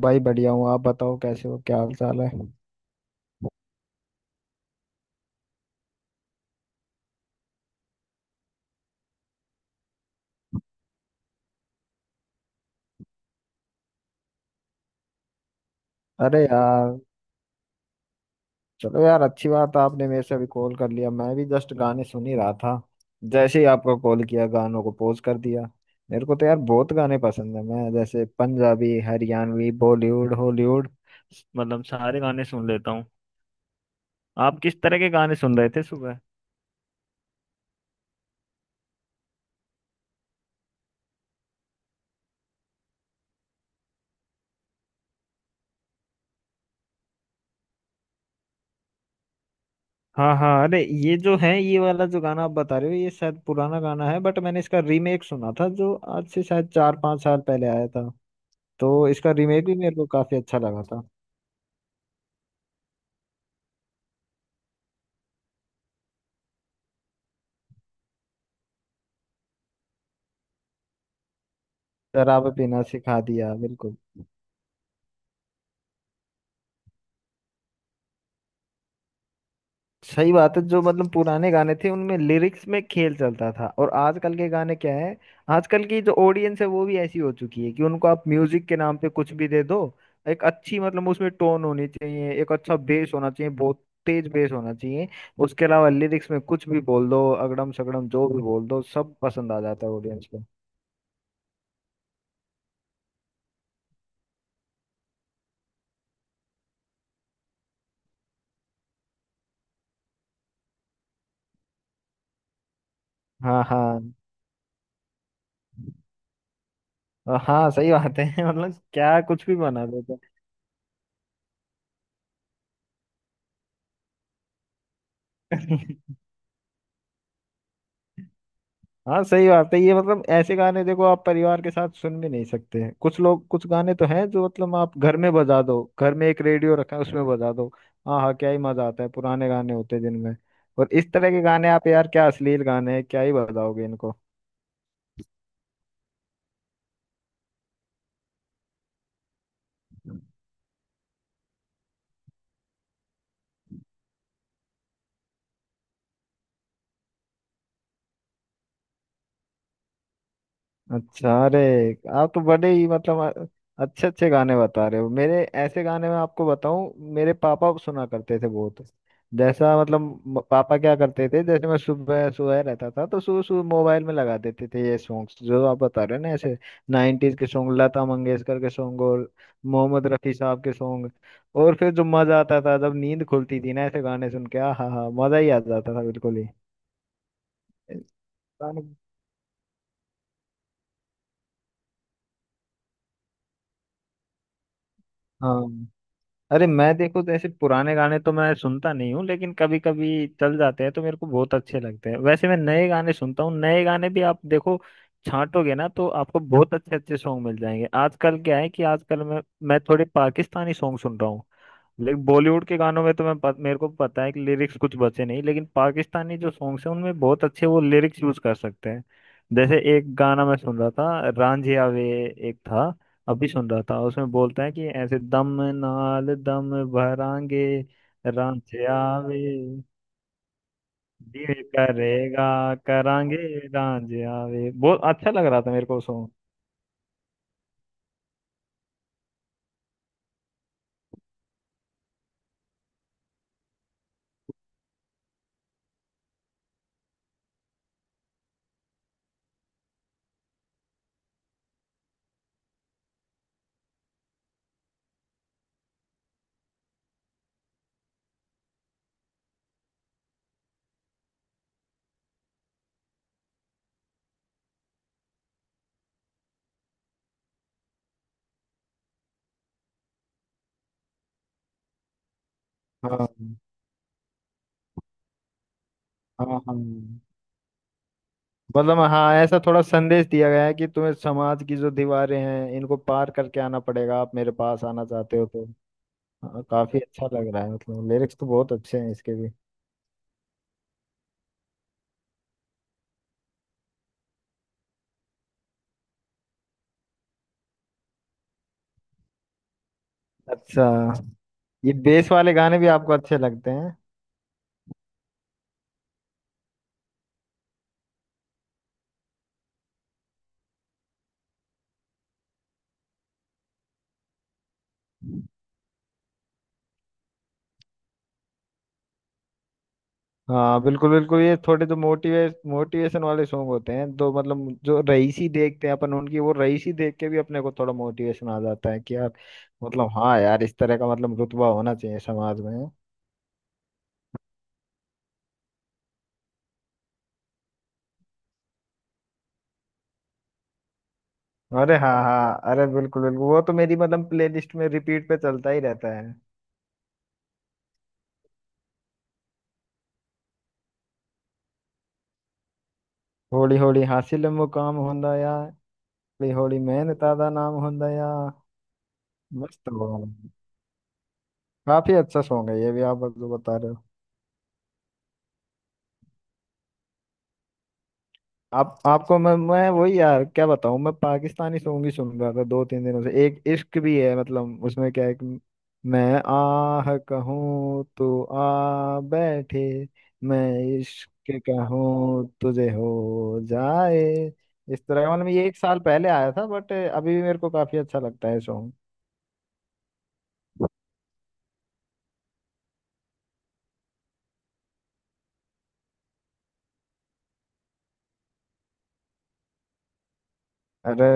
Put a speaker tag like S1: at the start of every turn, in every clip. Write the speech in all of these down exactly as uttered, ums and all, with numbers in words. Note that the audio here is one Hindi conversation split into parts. S1: भाई बढ़िया हूँ। आप बताओ कैसे हो, क्या हाल चाल है। अरे यार, चलो यार, अच्छी बात है, आपने मेरे से अभी कॉल कर लिया, मैं भी जस्ट गाने सुन ही रहा था। जैसे ही आपका कॉल किया, गानों को पॉज कर दिया। मेरे को तो यार बहुत गाने पसंद है, मैं जैसे पंजाबी, हरियाणवी, बॉलीवुड, हॉलीवुड मतलब सारे गाने सुन लेता हूँ। आप किस तरह के गाने सुन रहे थे सुबह? हाँ हाँ, अरे ये जो है, ये वाला जो गाना आप बता रहे हो, ये शायद पुराना गाना है, बट मैंने इसका रीमेक सुना था जो आज से शायद चार पांच साल पहले आया था। तो इसका रीमेक भी मेरे को काफी अच्छा लगा था। शराब पीना सिखा दिया, बिल्कुल। सही बात है, जो मतलब पुराने गाने थे उनमें लिरिक्स में खेल चलता था, और आजकल के गाने क्या है। आजकल की जो ऑडियंस है, वो भी ऐसी हो चुकी है कि उनको आप म्यूजिक के नाम पे कुछ भी दे दो। एक अच्छी मतलब उसमें टोन होनी चाहिए, एक अच्छा बेस होना चाहिए, बहुत तेज बेस होना चाहिए। उसके अलावा लिरिक्स में कुछ भी बोल दो, अगड़म सगड़म जो भी बोल दो, सब पसंद आ जाता है ऑडियंस को। हाँ हाँ, हाँ सही बात है। मतलब क्या कुछ भी बना देते हैं। हाँ सही बात है, ये मतलब ऐसे गाने देखो आप परिवार के साथ सुन भी नहीं सकते हैं, कुछ लोग कुछ गाने तो हैं जो मतलब आप घर में बजा दो, घर में एक रेडियो रखा है उसमें बजा दो। हाँ हाँ, क्या ही मजा आता है पुराने गाने होते हैं जिनमें। और इस तरह के गाने आप यार क्या अश्लील गाने हैं, क्या ही बजाओगे इनको। अच्छा, अरे आप तो बड़े ही मतलब अच्छे अच्छे गाने बता रहे हो। मेरे ऐसे गाने मैं आपको बताऊं, मेरे पापा सुना करते थे बहुत। जैसा मतलब म- पापा क्या करते थे, जैसे मैं सुबह सुबह रहता था तो सुबह सुबह मोबाइल में लगा देते थे ये सॉन्ग्स जो आप बता रहे हो ना, ऐसे नाइन्टीज के सॉन्ग, लता मंगेशकर के सॉन्ग और मोहम्मद रफी साहब के सॉन्ग। और फिर जो मजा आता था जब नींद खुलती थी ना ऐसे गाने सुन के, आ हा हा, मजा ही आ जाता था बिल्कुल ही गाने-। हाँ, अरे मैं देखो तो ऐसे पुराने गाने तो मैं सुनता नहीं हूँ, लेकिन कभी कभी चल जाते हैं तो मेरे को बहुत अच्छे लगते हैं। वैसे मैं नए गाने सुनता हूँ, नए गाने भी आप देखो छांटोगे ना तो आपको बहुत अच्छे अच्छे सॉन्ग मिल जाएंगे। आजकल क्या है कि आजकल मैं मैं थोड़े पाकिस्तानी सॉन्ग सुन रहा हूँ। लेकिन बॉलीवुड के गानों में तो मैं पत, मेरे को पता है कि लिरिक्स कुछ बचे नहीं, लेकिन पाकिस्तानी जो सॉन्ग्स हैं उनमें बहुत अच्छे वो लिरिक्स यूज कर सकते हैं। जैसे एक गाना मैं सुन रहा था, रांझिया वे, एक था, अभी सुन रहा था, उसमें बोलते हैं कि ऐसे दम नाल दम भरांगे रांझिया वे, दिल करेगा करांगे रांझिया वे, बहुत अच्छा लग रहा था मेरे को सॉन्ग। हाँ हाँ, हाँ मतलब हाँ, ऐसा थोड़ा संदेश दिया गया है कि तुम्हें समाज की जो दीवारें हैं इनको पार करके आना पड़ेगा आप मेरे पास आना चाहते हो तो। हाँ, काफी अच्छा लग रहा है, मतलब लिरिक्स तो बहुत अच्छे हैं इसके भी। अच्छा, ये बेस वाले गाने भी आपको अच्छे लगते हैं? हाँ बिल्कुल बिल्कुल, ये थोड़े जो मोटिवे मोटिवेशन वाले सॉन्ग होते हैं तो मतलब जो रईसी देखते हैं अपन उनकी, वो रईसी देख के भी अपने को थोड़ा मोटिवेशन आ जाता है कि यार मतलब, हाँ यार इस तरह का मतलब रुतबा होना चाहिए समाज में। अरे हाँ हाँ, अरे बिल्कुल बिल्कुल, वो तो मेरी मतलब प्लेलिस्ट में रिपीट पे चलता ही रहता है। होली होली हासिल मुकाम होंदा या, होली होली मैन तादा नाम होंदा या, मस्त हुआ। काफी अच्छा सॉन्ग है ये भी आप जो बता रहे हो। आप आपको मैं मैं वही यार क्या बताऊं, मैं पाकिस्तानी सॉन्ग ही सुन रहा था दो तीन दिनों से। एक इश्क भी है मतलब, उसमें क्या है कि मैं आह कहूँ तो आ बैठे, मैं इश्क कहूँ तुझे हो जाए। इस तरह का मतलब, ये एक साल पहले आया था बट अभी भी मेरे को काफी अच्छा लगता है सॉन्ग। अरे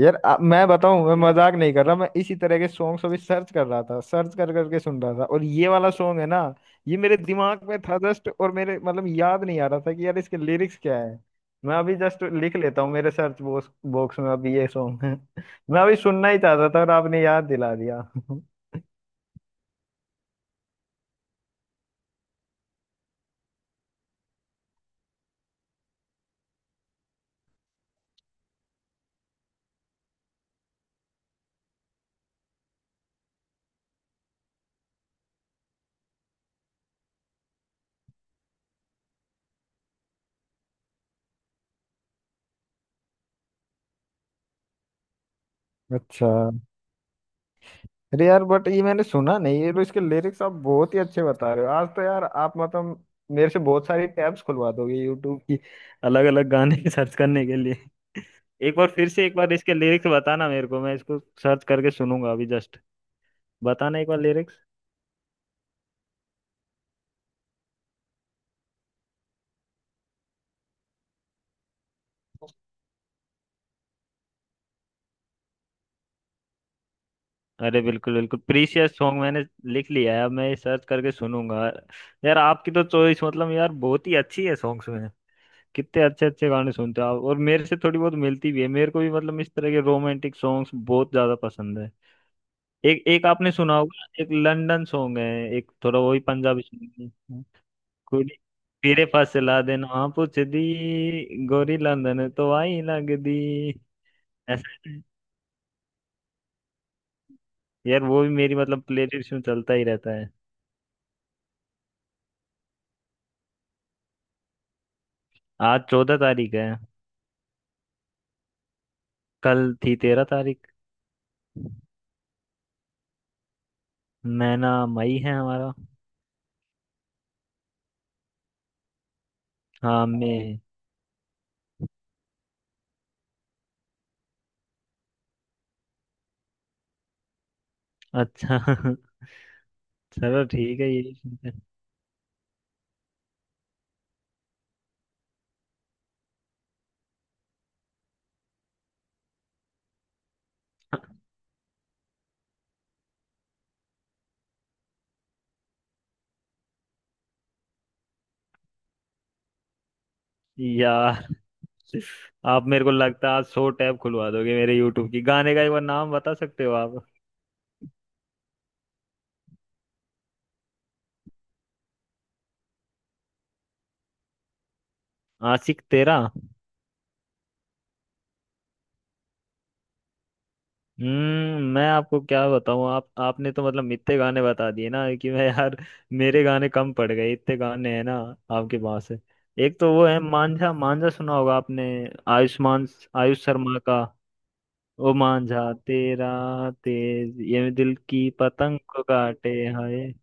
S1: यार, आ, मैं बताऊं, मैं मजाक नहीं कर रहा, मैं इसी तरह के सॉन्ग्स अभी सर्च कर रहा था, सर्च कर करके सुन रहा था, और ये वाला सॉन्ग है ना, ये मेरे दिमाग में था जस्ट और मेरे मतलब याद नहीं आ रहा था कि यार इसके लिरिक्स क्या है। मैं अभी जस्ट लिख लेता हूँ, मेरे सर्च बॉक्स बॉक्स में अभी ये सॉन्ग है। मैं अभी सुनना ही चाहता था और आपने याद दिला दिया। अच्छा, अरे यार, बट ये मैंने सुना नहीं, ये तो इसके लिरिक्स आप बहुत ही अच्छे बता रहे हो। आज तो यार आप मतलब मेरे से बहुत सारी टैब्स खुलवा दोगे यूट्यूब की, अलग अलग गाने सर्च करने के लिए। एक बार फिर से, एक बार इसके लिरिक्स बताना मेरे को, मैं इसको सर्च करके सुनूंगा अभी जस्ट, बताना एक बार लिरिक्स। अरे बिल्कुल बिल्कुल, प्रीशियस सॉन्ग मैंने लिख लिया है, अब मैं सर्च करके सुनूंगा। यार आपकी तो चॉइस मतलब यार बहुत ही अच्छी है सॉन्ग्स में, कितने अच्छे अच्छे गाने सुनते हो आप, और मेरे से थोड़ी बहुत मिलती भी है, मेरे को भी मतलब इस तरह के रोमांटिक सॉन्ग्स बहुत ज्यादा पसंद है। एक एक आपने सुना होगा, एक लंदन सॉन्ग है, एक थोड़ा वही पंजाबी सॉन्ग है। ਕੁੜੀ ਤੇਰੇ ਪਾਸੇ ਲਾ ਦੇ ਨਾ ਪੁੱਛਦੀ, ਗੋਰੀ ਲੰਦਨ ਤੋਂ ਆਈ ਲੱਗਦੀ। ऐसा, यार वो भी मेरी मतलब प्लेलिस्ट में चलता ही रहता है। आज चौदह तारीख है। कल थी तेरह तारीख। महीना मई है हमारा। हाँ मैं। अच्छा। चलो ठीक है ये। यार आप मेरे को लगता है आज सौ टैब खुलवा दोगे मेरे यूट्यूब की। गाने का एक बार नाम बता सकते हो आप? आशिक तेरा। हम्म, मैं आपको क्या बताऊं, आप आपने तो मतलब इतने गाने बता दिए ना कि मैं यार, मेरे गाने कम पड़ गए, इतने गाने हैं ना आपके पास। एक तो वो है मांझा, मांझा सुना होगा आपने, आयुष्मान, आयुष शर्मा का। ओ मांझा तेरा तेज ये दिल की पतंग को काटे हाय,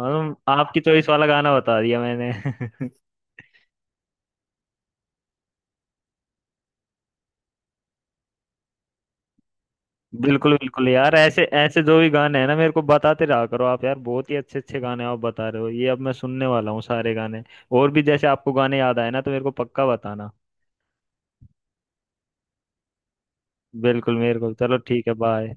S1: और आपकी चॉइस वाला गाना बता दिया मैंने। बिल्कुल बिल्कुल यार, ऐसे ऐसे जो भी गाने हैं ना मेरे को बताते रहा करो आप यार, बहुत ही अच्छे अच्छे गाने आप बता रहे हो, ये अब मैं सुनने वाला हूँ सारे गाने। और भी जैसे आपको गाने याद आए ना तो मेरे को पक्का बताना। बिल्कुल, मेरे को चलो ठीक है, बाय।